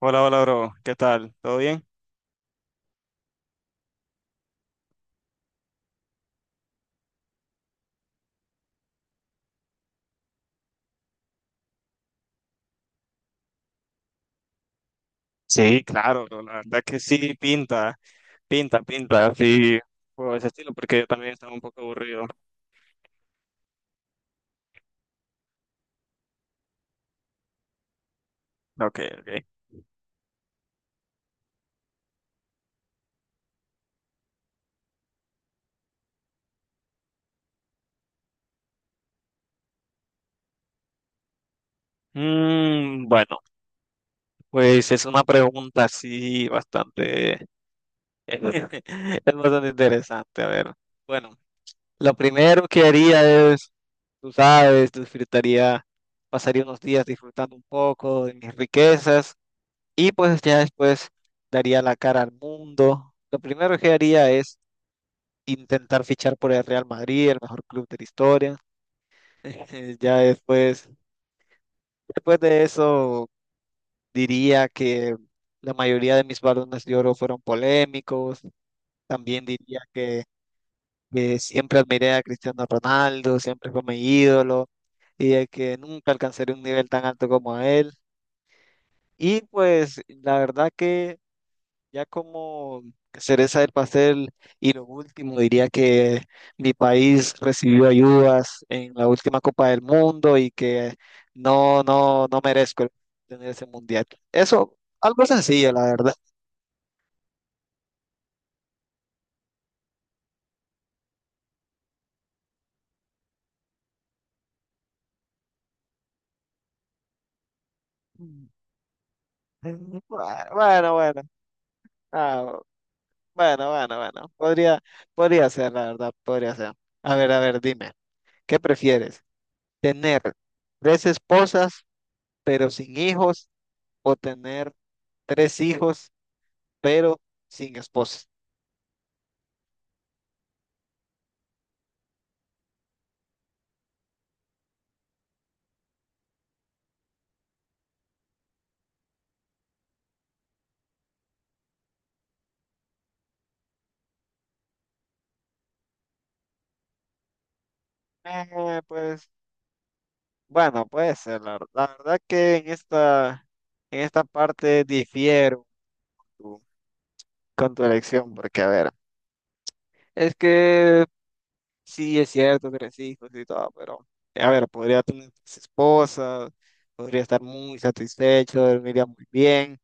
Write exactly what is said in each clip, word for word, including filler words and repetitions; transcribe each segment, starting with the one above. Hola, hola, bro. ¿Qué tal? ¿Todo bien? Sí, claro, bro, la verdad que sí, pinta, pinta, pinta, así, por ese estilo, porque yo también estaba un poco aburrido. Ok, ok. Mm, bueno, pues es una pregunta así bastante, es bastante interesante. A ver, bueno, lo primero que haría es, tú sabes, disfrutaría, pasaría unos días disfrutando un poco de mis riquezas. Y pues ya después daría la cara al mundo. Lo primero que haría es intentar fichar por el Real Madrid, el mejor club de la historia. Ya después, después de eso, diría que la mayoría de mis balones de oro fueron polémicos. También diría que, que siempre admiré a Cristiano Ronaldo, siempre fue mi ídolo y de que nunca alcanzaré un nivel tan alto como él. Y pues la verdad que ya como cereza del pastel y lo último, diría que mi país recibió ayudas en la última Copa del Mundo y que no, no, no merezco tener ese mundial. Eso, algo sencillo, la verdad. Bueno, bueno, bueno, ah, bueno, bueno, bueno. Podría, podría ser, la verdad, podría ser. A ver, a ver, dime, ¿qué prefieres? ¿Tener tres esposas pero sin hijos o tener tres hijos pero sin esposa? Eh, pues bueno, puede ser, la, ver- la verdad que en esta, en esta parte difiero tu- con tu elección, porque a ver, es que sí es cierto, tres hijos y todo, pero a ver, podría tener tres esposas, podría estar muy satisfecho, dormiría muy bien,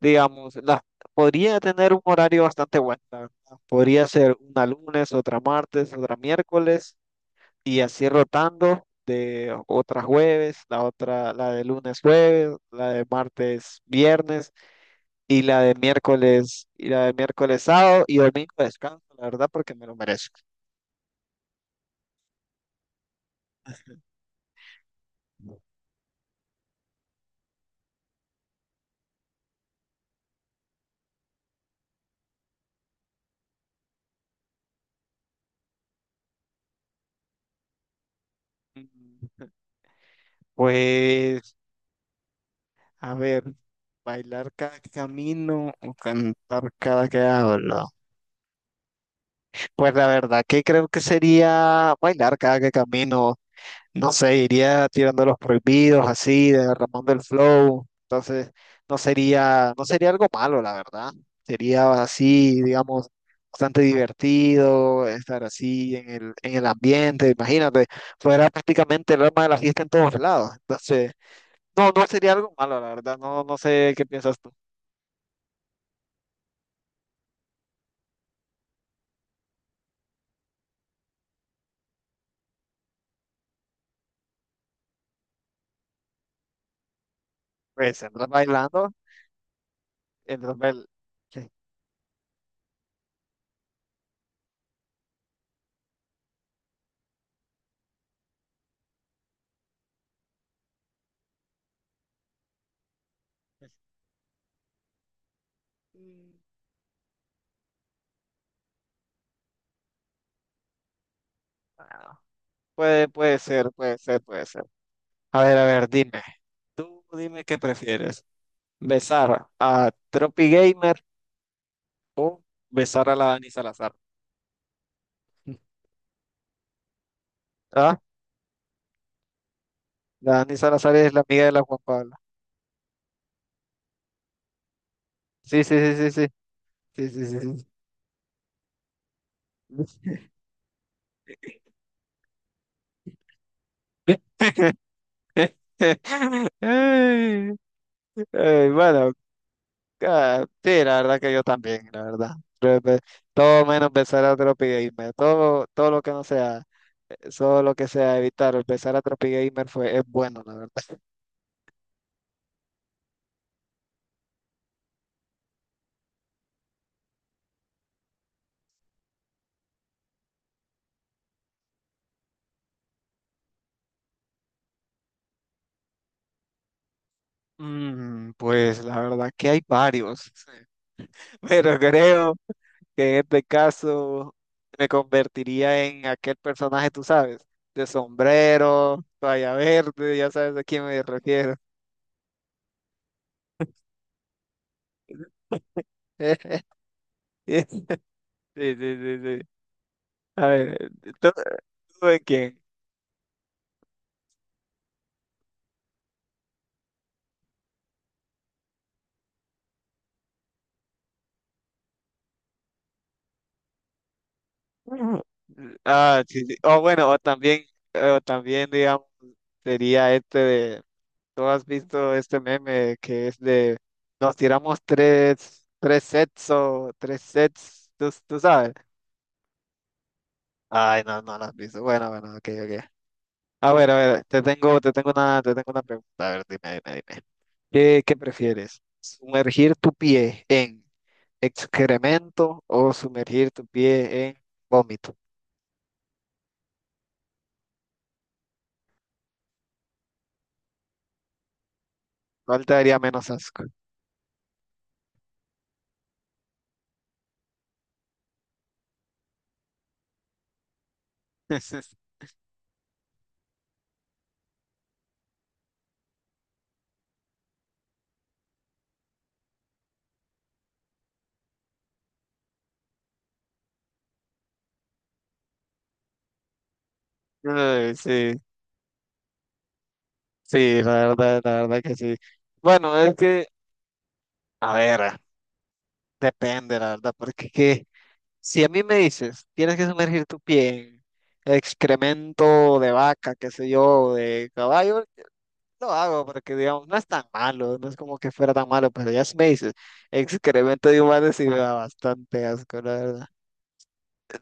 digamos, la, podría tener un horario bastante bueno, la verdad. Podría ser una lunes, otra martes, otra miércoles, y así rotando de otra jueves, la otra, la de lunes jueves, la de martes viernes y la de miércoles y la de miércoles sábado y domingo descanso, la verdad, porque me lo merezco. Mm, Pues, a ver, bailar cada camino o cantar cada que hablo. Pues la verdad que creo que sería bailar cada que camino. No sé, iría tirando los prohibidos así, de Ramón del Flow. Entonces, no sería, no sería algo malo, la verdad. Sería así, digamos, bastante divertido estar así en el, en el ambiente. Imagínate, fuera prácticamente el alma de la fiesta en todos lados. Entonces, no, no sería algo malo, la verdad. No, no sé qué piensas tú. Pues entras bailando, entras bail- sí. Mm, ah, Puede, puede ser, puede ser, puede ser. A ver, a ver, dime. Tú dime qué prefieres. ¿Besar a Tropi Gamer o besar a la Dani Salazar? ¿Ah? La Dani Salazar es la amiga de la Juan Pablo. Sí, sí, sí, sí, sí. Sí, sí, sí, sí. Ay, ay, bueno, ah, sí, la verdad que yo también, la verdad. Pero, pe- Todo menos besar a Tropi Gamer. Todo, todo lo que no sea, eh, todo lo que sea evitar besar a Tropi Gamer fue, es bueno, la verdad. Mm, pues la verdad que hay varios, pero creo que en este caso me convertiría en aquel personaje, tú sabes, de sombrero, toalla verde, ya sabes a quién me refiero. Sí, sí, sí, sí. A ver, ¿tú, ¿tú en quién? Mm. Ah, sí, sí. O bueno, o también, o también, digamos, sería este de, ¿tú has visto este meme que es de, nos tiramos tres, tres sets o tres sets, tú, tú sabes? Ay, no, no lo has visto. Bueno, bueno, ok, ok. A ver, a ver, te tengo, te tengo una, te tengo una pregunta. A ver, dime, dime, dime. ¿Qué, ¿qué prefieres? ¿Sumergir tu pie en excremento o sumergir tu pie en vómito? ¿Cuál te daría menos asco? Ay, sí, sí, la verdad, la verdad que sí. Bueno, es que, a ver, ah, depende, la verdad, porque que, si a mí me dices, tienes que sumergir tu pie en excremento de vaca, qué sé yo, de caballo, lo hago porque, digamos, no es tan malo, no es como que fuera tan malo, pero ya si me dices, excremento de humanos sí me da bastante asco, la verdad.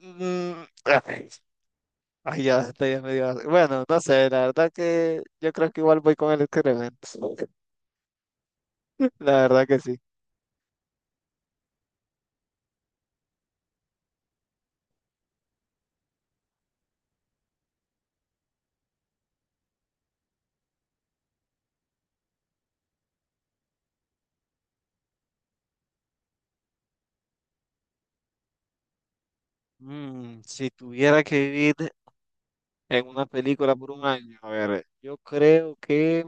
Mm, ay, ay, ya, hasta ya me dio asco. Bueno, no sé, la verdad que yo creo que igual voy con el excremento. La verdad que sí. Mm, si tuviera que vivir en una película por un año, a ver, yo creo que,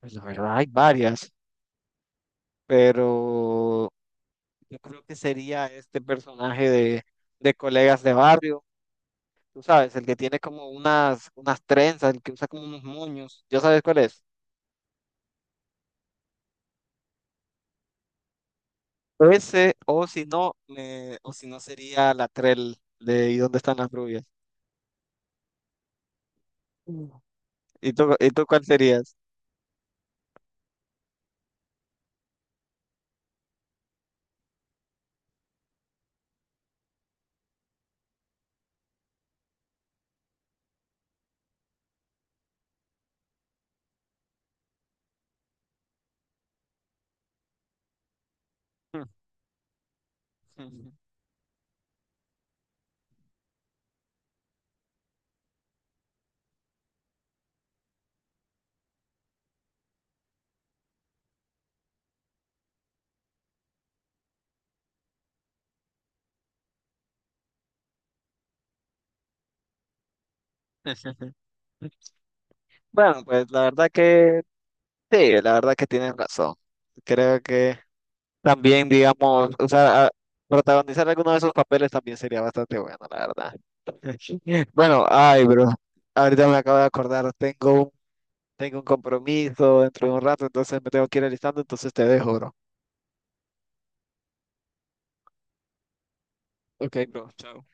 pues la verdad hay varias, pero yo creo que sería este personaje de, de Colegas de Barrio, tú sabes, el que tiene como unas, unas trenzas, el que usa como unos moños, ¿ya sabes cuál es? Ese, o si no, me- o si no sería la Trell de ¿Y dónde están las rubias? Mm. ¿Y tú, y tú cuál serías? Bueno, pues la verdad que sí, la verdad que tienes razón. Creo que también, digamos, o sea, a- protagonizar alguno de esos papeles también sería bastante bueno, la verdad. Bueno, ay, bro, ahorita me acabo de acordar, tengo tengo un compromiso dentro de un rato, entonces me tengo que ir alistando, entonces te dejo, bro. Ok, bro. Chao.